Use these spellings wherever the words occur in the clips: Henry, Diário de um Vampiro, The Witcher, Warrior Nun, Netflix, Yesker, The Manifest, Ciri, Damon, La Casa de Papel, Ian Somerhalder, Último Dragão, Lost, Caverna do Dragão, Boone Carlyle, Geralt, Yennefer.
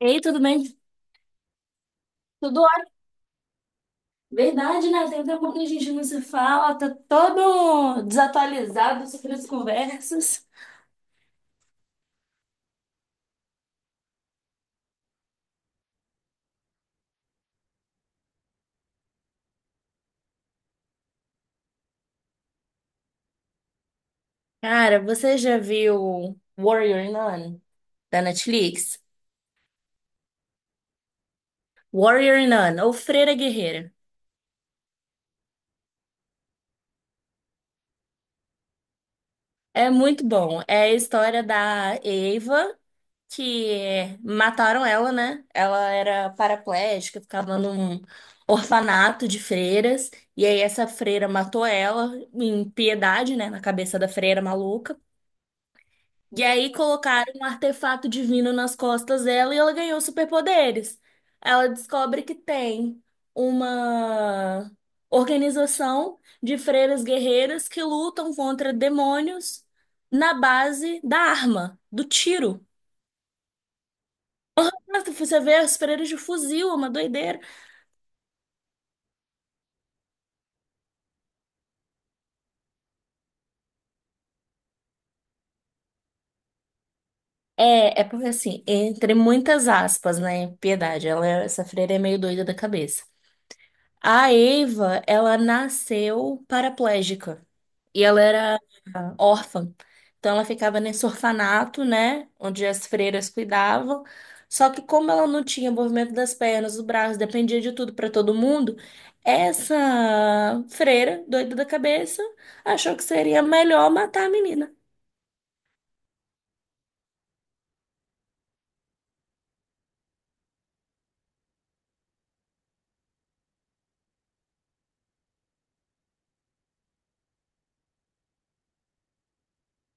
Ei, tudo bem? Tudo ótimo. Verdade, né? Tem tempo que a gente não se fala, tá todo desatualizado sobre as conversas. Cara, você já viu Warrior Nun, da Netflix? Warrior Nun, ou Freira Guerreira. É muito bom. É a história da Eva, que mataram ela, né? Ela era paraplégica, ficava num orfanato de freiras. E aí essa freira matou ela, em piedade, né? Na cabeça da freira maluca. E aí colocaram um artefato divino nas costas dela e ela ganhou superpoderes. Ela descobre que tem uma organização de freiras guerreiras que lutam contra demônios na base da arma, do tiro. Nossa, você vê as freiras de fuzil, é uma doideira. É porque assim, entre muitas aspas, né? Piedade, ela, essa freira é meio doida da cabeça. A Eva, ela nasceu paraplégica e ela era órfã. Então ela ficava nesse orfanato, né, onde as freiras cuidavam. Só que como ela não tinha movimento das pernas, do braço, dependia de tudo para todo mundo, essa freira, doida da cabeça, achou que seria melhor matar a menina.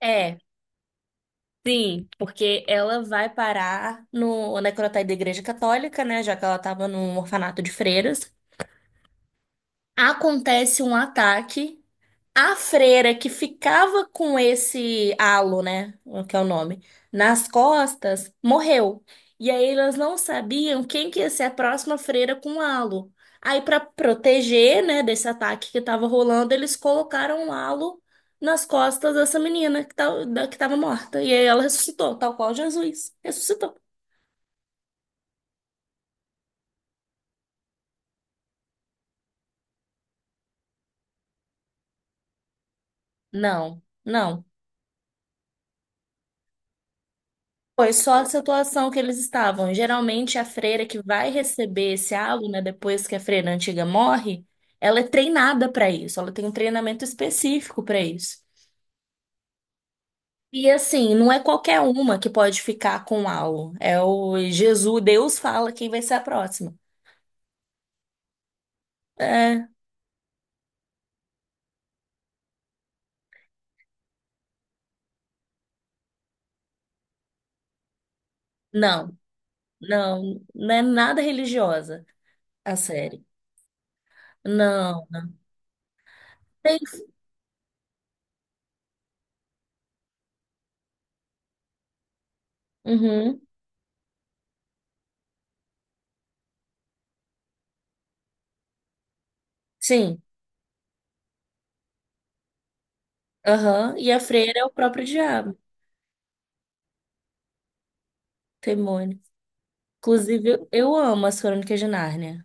É, sim, porque ela vai parar no necrotério da Igreja Católica, né? Já que ela estava num orfanato de freiras. Acontece um ataque. A freira que ficava com esse halo, né? O que é o nome, nas costas, morreu. E aí elas não sabiam quem que ia ser a próxima freira com halo. Aí, para proteger, né, desse ataque que estava rolando, eles colocaram um halo nas costas dessa menina que, tá, que tava morta. E aí ela ressuscitou, tal qual Jesus ressuscitou. Não, não. Foi só a situação que eles estavam. Geralmente, a freira que vai receber esse aluno, né, depois que a freira antiga morre, ela é treinada para isso, ela tem um treinamento específico para isso. E assim, não é qualquer uma que pode ficar com algo. É o Jesus, Deus fala quem vai ser a próxima. É, não, não é nada religiosa a série. Não. Tem- Uhum, sim, aham. E a freira é o próprio diabo, demônio. Inclusive, eu amo as Crônicas de Nárnia.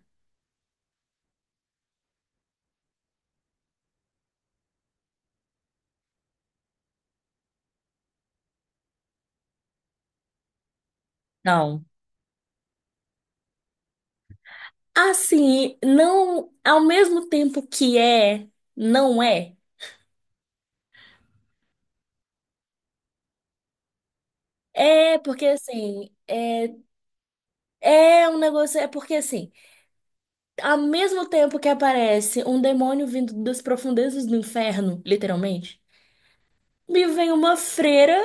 Não. Assim, não, ao mesmo tempo que é, não é. É porque assim, é, é um negócio, é porque assim, ao mesmo tempo que aparece um demônio vindo das profundezas do inferno, literalmente, me vem uma freira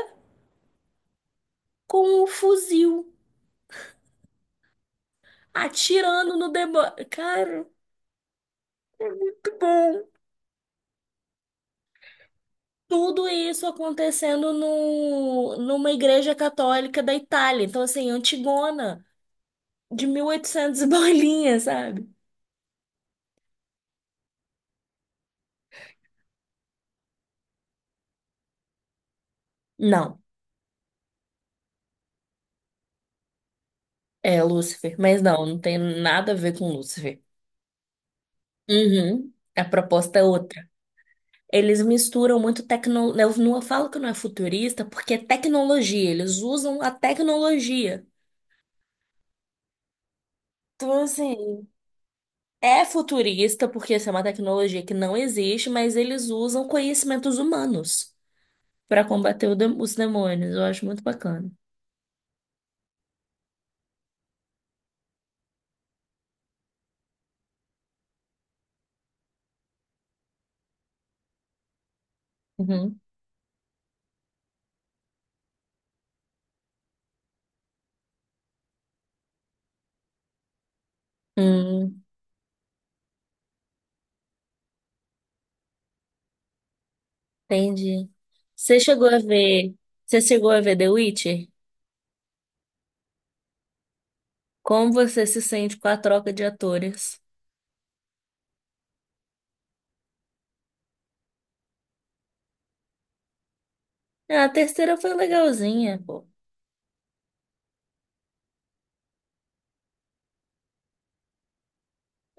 com um fuzil atirando no demônio. Cara, muito bom. Tudo isso acontecendo no, numa igreja católica da Itália. Então, assim, antigona, de 1800 e oitocentos e bolinha, sabe? Não, é Lúcifer. Mas não, não tem nada a ver com Lúcifer. Uhum, a proposta é outra. Eles misturam muito tecnologia. Eu não falo que não é futurista, porque é tecnologia. Eles usam a tecnologia. Então, assim, é futurista, porque essa é uma tecnologia que não existe, mas eles usam conhecimentos humanos, para combater os demônios. Eu acho muito bacana. Uhum. Hum, entendi. Você chegou a ver, você chegou a ver The Witcher? Como você se sente com a troca de atores? Ah, a terceira foi legalzinha, pô.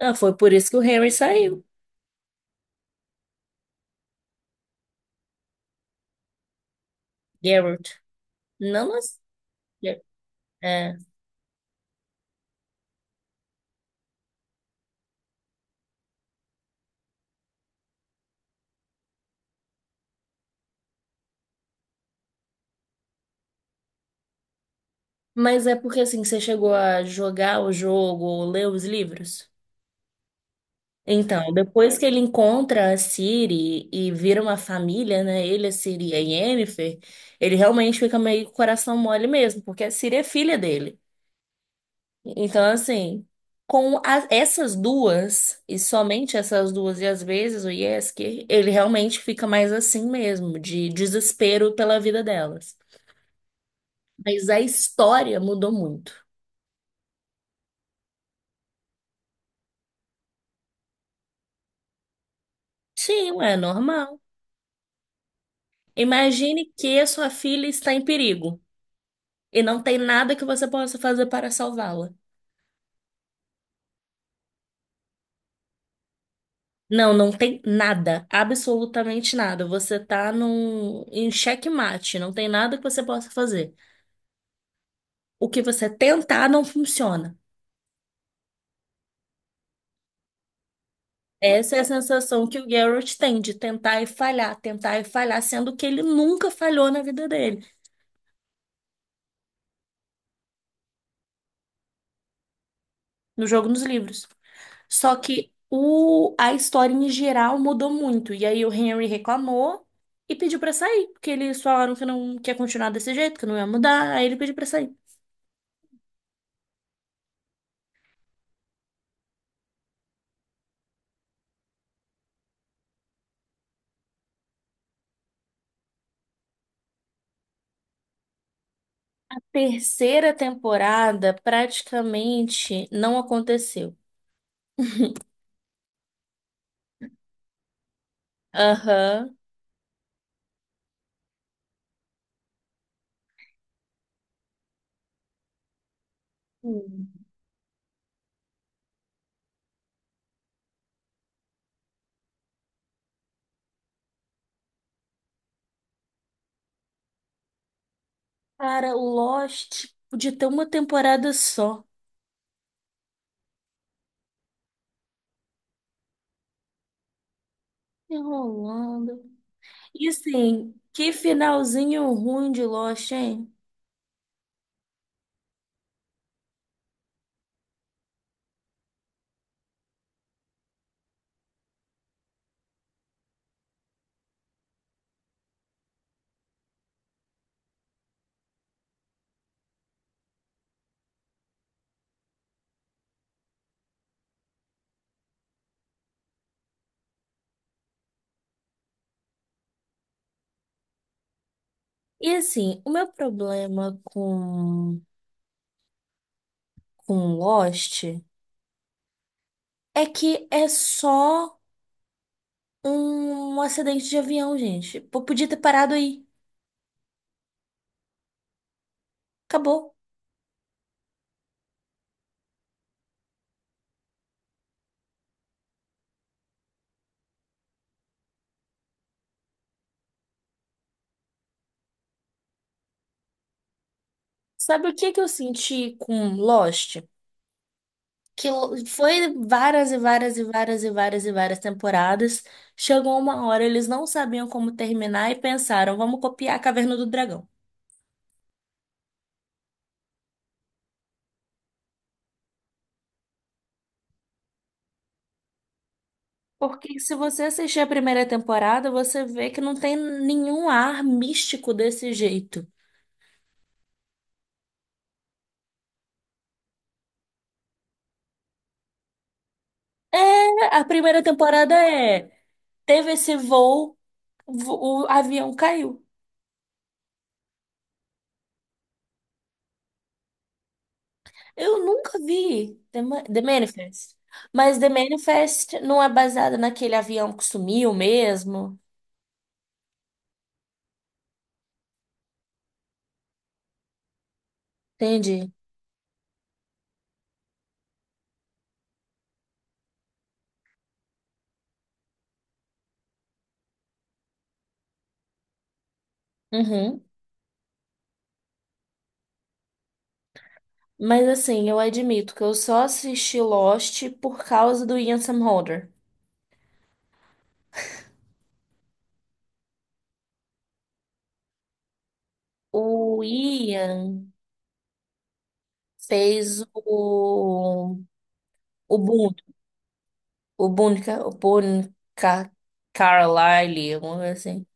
Ah, foi por isso que o Henry saiu. Geralt. Não, mas... É. Mas é porque, assim, você chegou a jogar o jogo ou ler os livros? Então, depois que ele encontra a Ciri e vira uma família, né? Ele, a Ciri e a Yennefer, ele realmente fica meio coração mole mesmo, porque a Ciri é filha dele. Então, assim, essas duas, e somente essas duas, e às vezes o Yesker, ele realmente fica mais assim mesmo, de desespero pela vida delas. Mas a história mudou muito. Sim, é normal. Imagine que a sua filha está em perigo. E não tem nada que você possa fazer para salvá-la. Não, não tem nada, absolutamente nada. Você tá em xeque-mate, não tem nada que você possa fazer. O que você tentar não funciona. Essa é a sensação que o Geralt tem de tentar e falhar, sendo que ele nunca falhou na vida dele, no jogo, nos livros. Só que a história em geral mudou muito. E aí o Henry reclamou e pediu pra sair, porque eles falaram que não quer continuar desse jeito, que não ia mudar, aí ele pediu pra sair. Terceira temporada praticamente não aconteceu. Aham. Hum. Cara, o Lost podia ter uma temporada só. Enrolando. E assim, que finalzinho ruim de Lost, hein? E assim, o meu problema com Lost é que é só um acidente de avião, gente. Pô, podia ter parado aí. Acabou. Sabe o que que eu senti com Lost? Que foi várias e várias e várias e várias e várias temporadas. Chegou uma hora, eles não sabiam como terminar e pensaram, vamos copiar a Caverna do Dragão. Porque se você assistir a primeira temporada, você vê que não tem nenhum ar místico desse jeito. É, a primeira temporada é, teve esse voo, o avião caiu. Eu nunca vi The Manifest. Mas The Manifest não é baseada naquele avião que sumiu mesmo. Entendi. Uhum. Mas assim, eu admito que eu só assisti Lost por causa do Ian Somerhalder. O Ian fez o Boone, o Boone Ca- Carlyle, alguma coisa assim.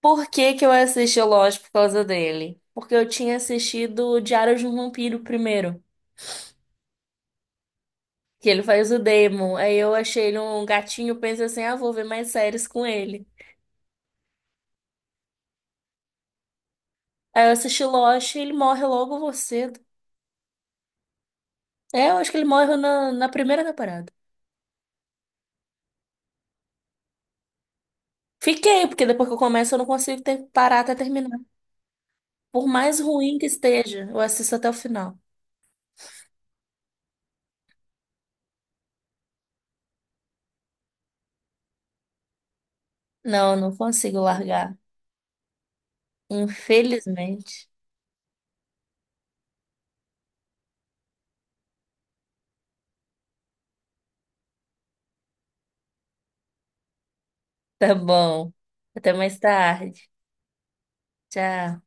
Por que que eu assisti Lost por causa dele? Porque eu tinha assistido o Diário de um Vampiro primeiro, que ele faz o Damon. Aí eu achei ele um gatinho, pensei assim, ah, vou ver mais séries com ele. Aí eu assisti Lost e ele morre logo você. É, eu acho que ele morre na primeira temporada. Fiquei, porque depois que eu começo eu não consigo parar até terminar. Por mais ruim que esteja, eu assisto até o final. Não, não consigo largar. Infelizmente. Tá bom. Até mais tarde. Tchau.